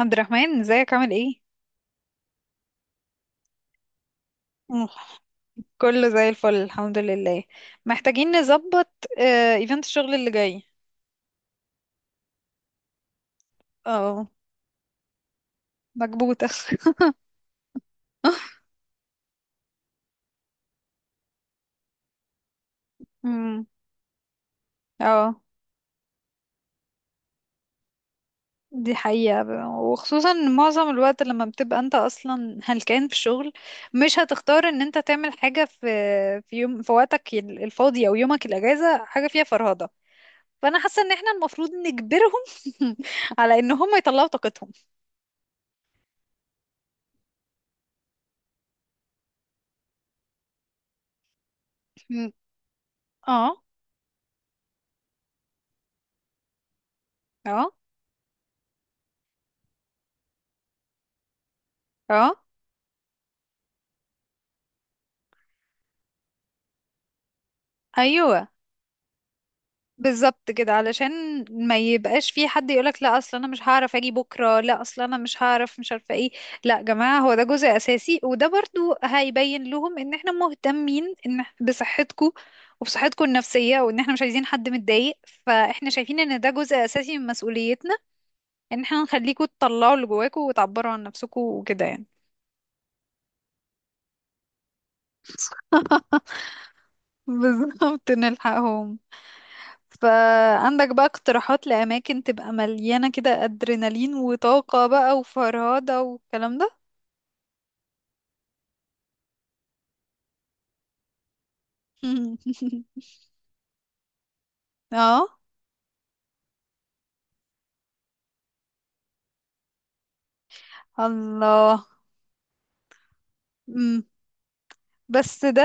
عبد الرحمن، ازيك؟ عامل ايه؟ مم. كله زي الفل، الحمد لله. محتاجين نظبط. ايفنت الشغل اللي جاي. اه. مكبوتة امم اه، دي حقيقة. وخصوصا معظم الوقت لما بتبقى انت اصلا هلكان في الشغل، مش هتختار ان انت تعمل حاجة في يوم، في وقتك الفاضي او يومك الاجازة، حاجة فيها فرهدة. فانا حاسة ان احنا المفروض نجبرهم على ان هم يطلعوا طاقتهم. مم. اه. اه. اه. ايوه، بالظبط كده، علشان ما يبقاش في حد يقولك لا اصل انا مش هعرف اجي بكره، لا اصل انا مش هعرف، مش عارفه ايه. لا يا جماعه، هو ده جزء اساسي، وده برضو هيبين لهم ان احنا مهتمين ان بصحتكم وبصحتكم النفسيه، وان احنا مش عايزين حد متضايق. فاحنا شايفين ان ده جزء اساسي من مسؤوليتنا، ان احنا نخليكم تطلعوا اللي جواكم وتعبروا عن نفسكم وكده، يعني. بالظبط، نلحقهم. فعندك بقى اقتراحات لأماكن تبقى مليانة كده أدرينالين وطاقة بقى وفرهدة والكلام ده؟ اه. الله. مم. بس ده،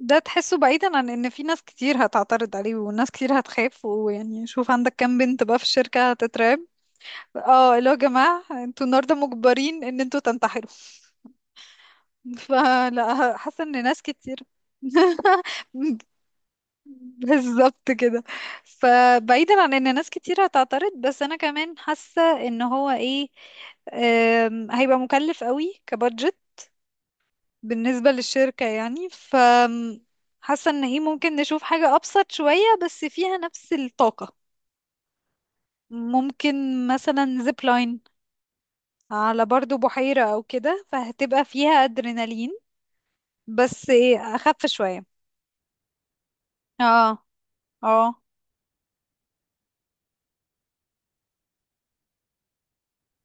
ده تحسه بعيدا عن ان في ناس كتير هتعترض عليه وناس كتير هتخاف، ويعني شوف عندك كام بنت بقى في الشركة هتترعب. اه، اللي هو يا جماعة انتوا النهاردة مجبرين ان انتوا تنتحروا. فلا، حاسة ان ناس كتير بالظبط كده. فبعيدا عن ان ناس كتير هتعترض، بس انا كمان حاسة ان هو ايه، هيبقى مكلف قوي كبادجت بالنسبة للشركة، يعني ف... حاسة ان ايه، ممكن نشوف حاجة ابسط شوية بس فيها نفس الطاقة. ممكن مثلا زيب لاين على برضو بحيرة او كده، فهتبقى فيها ادرينالين بس ايه اخف شوية. اه. اه.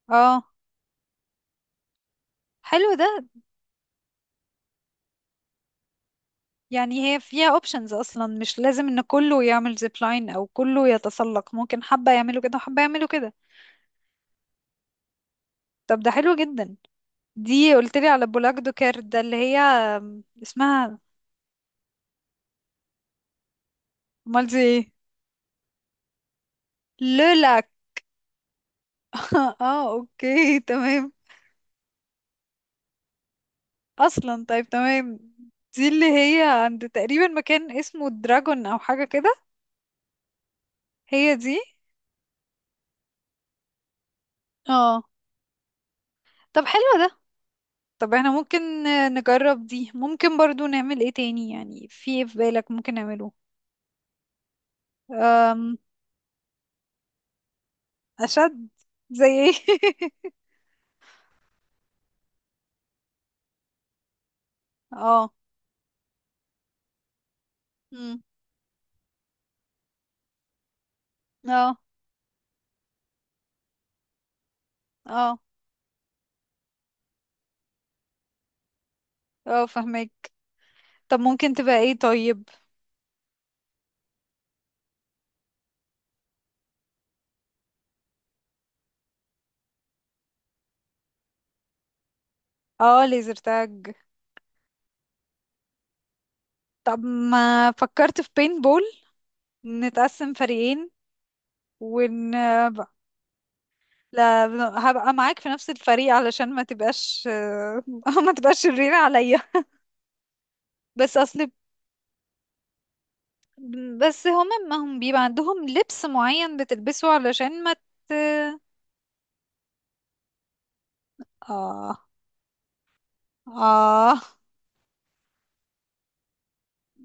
اه. حلو ده. يعني هي فيها اوبشنز، اصلا مش لازم ان كله يعمل زيب لاين او كله يتسلق، ممكن حبة يعملوا كده وحبة يعملوا كده. طب ده حلو جدا. دي قلت لي على بولاك دوكير ده اللي هي اسمها؟ امال دي ايه؟ لولاك. اه، اوكي، تمام. اصلا، طيب، تمام. دي اللي هي عند تقريبا مكان اسمه دراجون او حاجة كده؟ هي دي. اه. طب حلو ده. طب احنا ممكن نجرب دي، ممكن برضو نعمل ايه تاني؟ يعني في ايه في بالك ممكن نعمله؟ أشد. زي ايه؟ اه. مم. اه. اه. اه، فهمك. طب ممكن تبقى ايه طيب؟ اه، ليزر تاج. طب ما فكرت في بين بول؟ نتقسم فريقين ون ... لا، هبقى معاك في نفس الفريق علشان ما تبقاش ما تبقاش شريرة عليا. بس اصل... بس هما ما هم بيبقى عندهم لبس معين بتلبسه علشان ما اه. اه.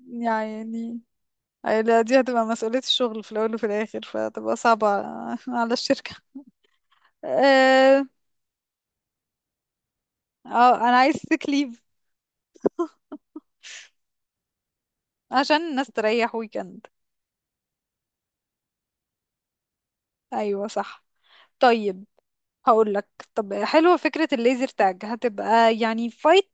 يعني... أي لا، دي هتبقى مسؤولية الشغل في الأول وفي الآخر، فتبقى صعبة على الشركة. اه. أنا عايز sick leave عشان الناس تريح ويكند. أيوة صح. طيب. هقول لك. طب حلوة فكرة الليزر تاج، هتبقى يعني فايت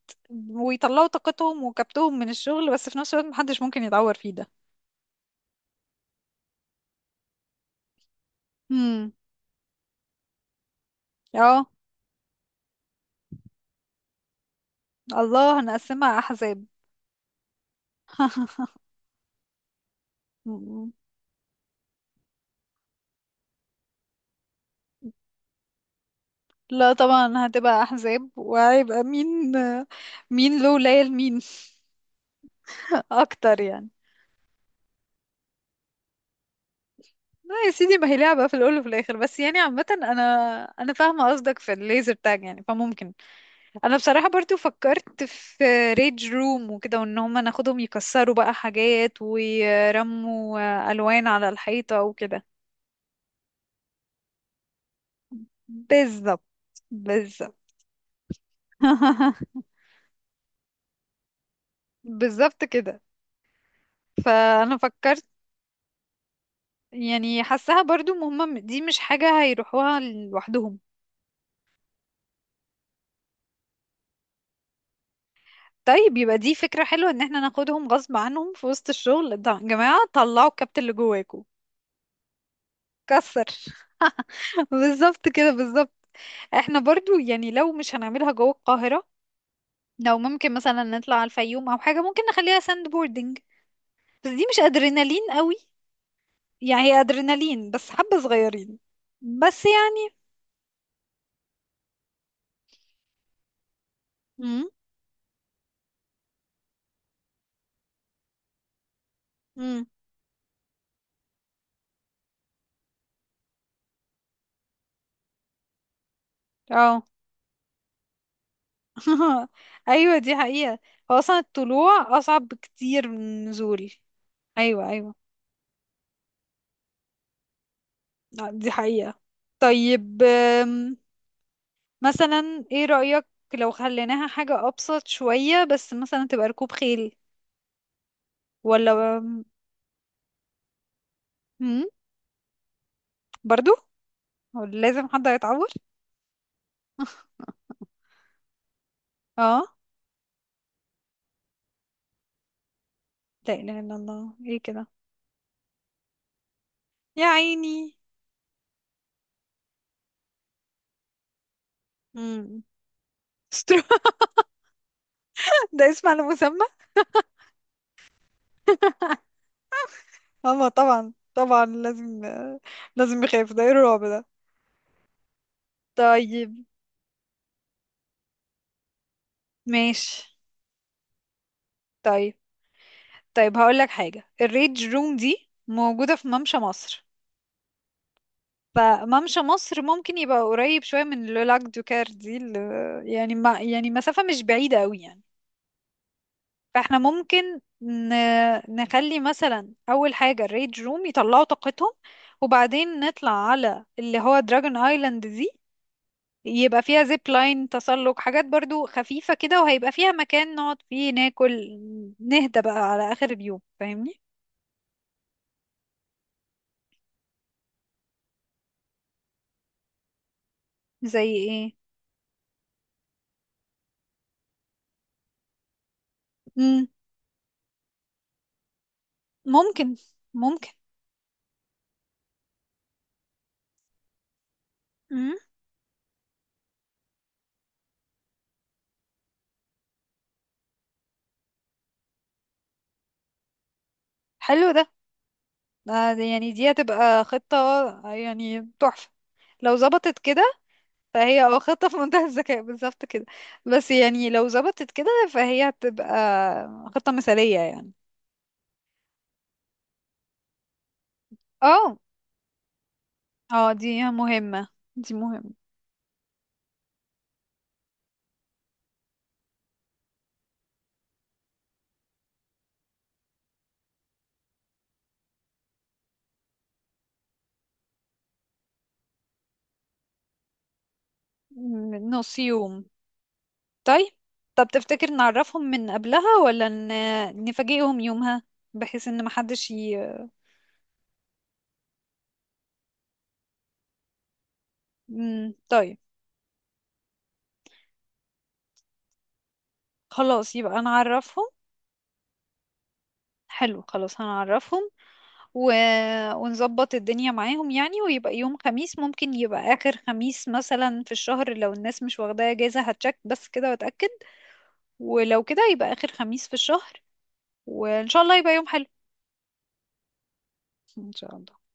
ويطلعوا طاقتهم وكبتهم من الشغل، بس في نفس الوقت محدش ممكن يتعور فيه ده. امم اه، الله، هنقسمها أحزاب. مم. لا طبعا هتبقى أحزاب، وهيبقى مين، مين له ليال مين. أكتر يعني. لا يا سيدي، ما هي لعبة في الأول وفي الآخر، بس يعني عامة أنا، أنا فاهمة قصدك في الليزر تاج، يعني فممكن. أنا بصراحة برضو فكرت في ريج روم وكده، وإن هما ناخدهم يكسروا بقى حاجات ويرموا ألوان على الحيطة وكده. بالظبط. بالظبط. بالظبط كده. فأنا فكرت، يعني حاساها برضو مهمة، دي مش حاجة هيروحوها لوحدهم. طيب يبقى دي فكرة حلوة، ان احنا ناخدهم غصب عنهم في وسط الشغل يا جماعة طلعوا الكابتن اللي جواكوا. كسر. بالظبط كده، بالظبط. احنا برضو يعني لو مش هنعملها جوه القاهرة، لو ممكن مثلا نطلع على الفيوم او حاجة، ممكن نخليها ساند بوردنج. بس دي مش ادرينالين قوي، يعني هي ادرينالين بس حبة صغيرين. بس يعني... امم. امم. اه. ايوه، دي حقيقة. هو اصلا الطلوع اصعب بكتير من النزول. ايوه، ايوه. دي حقيقة. طيب. مثلا ايه رأيك لو خليناها حاجة أبسط شوية، بس مثلا تبقى ركوب خيل؟ ولا... مم؟ برضو؟ ولا لازم حد هيتعور؟ اه. لا إله إلا الله، ايه كده. يا عيني. مم. استرو. ده اسم على مسمى. اه، طبعا، طبعا لازم. لازم يخاف، ده ايه الرعب ده. طيب. ماشي. طيب. طيب هقول لك حاجة، الريج روم دي موجودة في ممشى مصر. فممشى مصر ممكن يبقى قريب شوية من لولاك دوكار دي اللي... يعني ما يعني مسافة مش بعيدة قوي يعني. فاحنا ممكن نخلي مثلا أول حاجة الريد روم يطلعوا طاقتهم، وبعدين نطلع على اللي هو دراجون ايلاند دي، يبقى فيها زيب لاين تسلق حاجات برضو خفيفة كده، وهيبقى فيها مكان نقعد فيه ناكل، نهدى بقى على آخر اليوم، فاهمني. زي ايه؟ مم، ممكن، ممكن. مم، حلو ده. ده يعني دي هتبقى خطة يعني تحفة لو ظبطت كده. فهي اه خطة في منتهى الذكاء، بالظبط كده. بس يعني لو ظبطت كده، فهي هتبقى خطة مثالية يعني. اه. اه، دي مهمة. دي مهمة. نص يوم. طيب. طب تفتكر نعرفهم من قبلها ولا نفاجئهم يومها؟ بحيث ان محدش مم، طيب. خلاص يبقى نعرفهم. حلو، خلاص، هنعرفهم و... ونظبط الدنيا معاهم يعني. ويبقى يوم خميس، ممكن يبقى آخر خميس مثلا في الشهر، لو الناس مش واخداه اجازة هتشك بس كده واتأكد. ولو كده يبقى آخر خميس في الشهر، وإن شاء الله يبقى يوم حلو. إن شاء الله.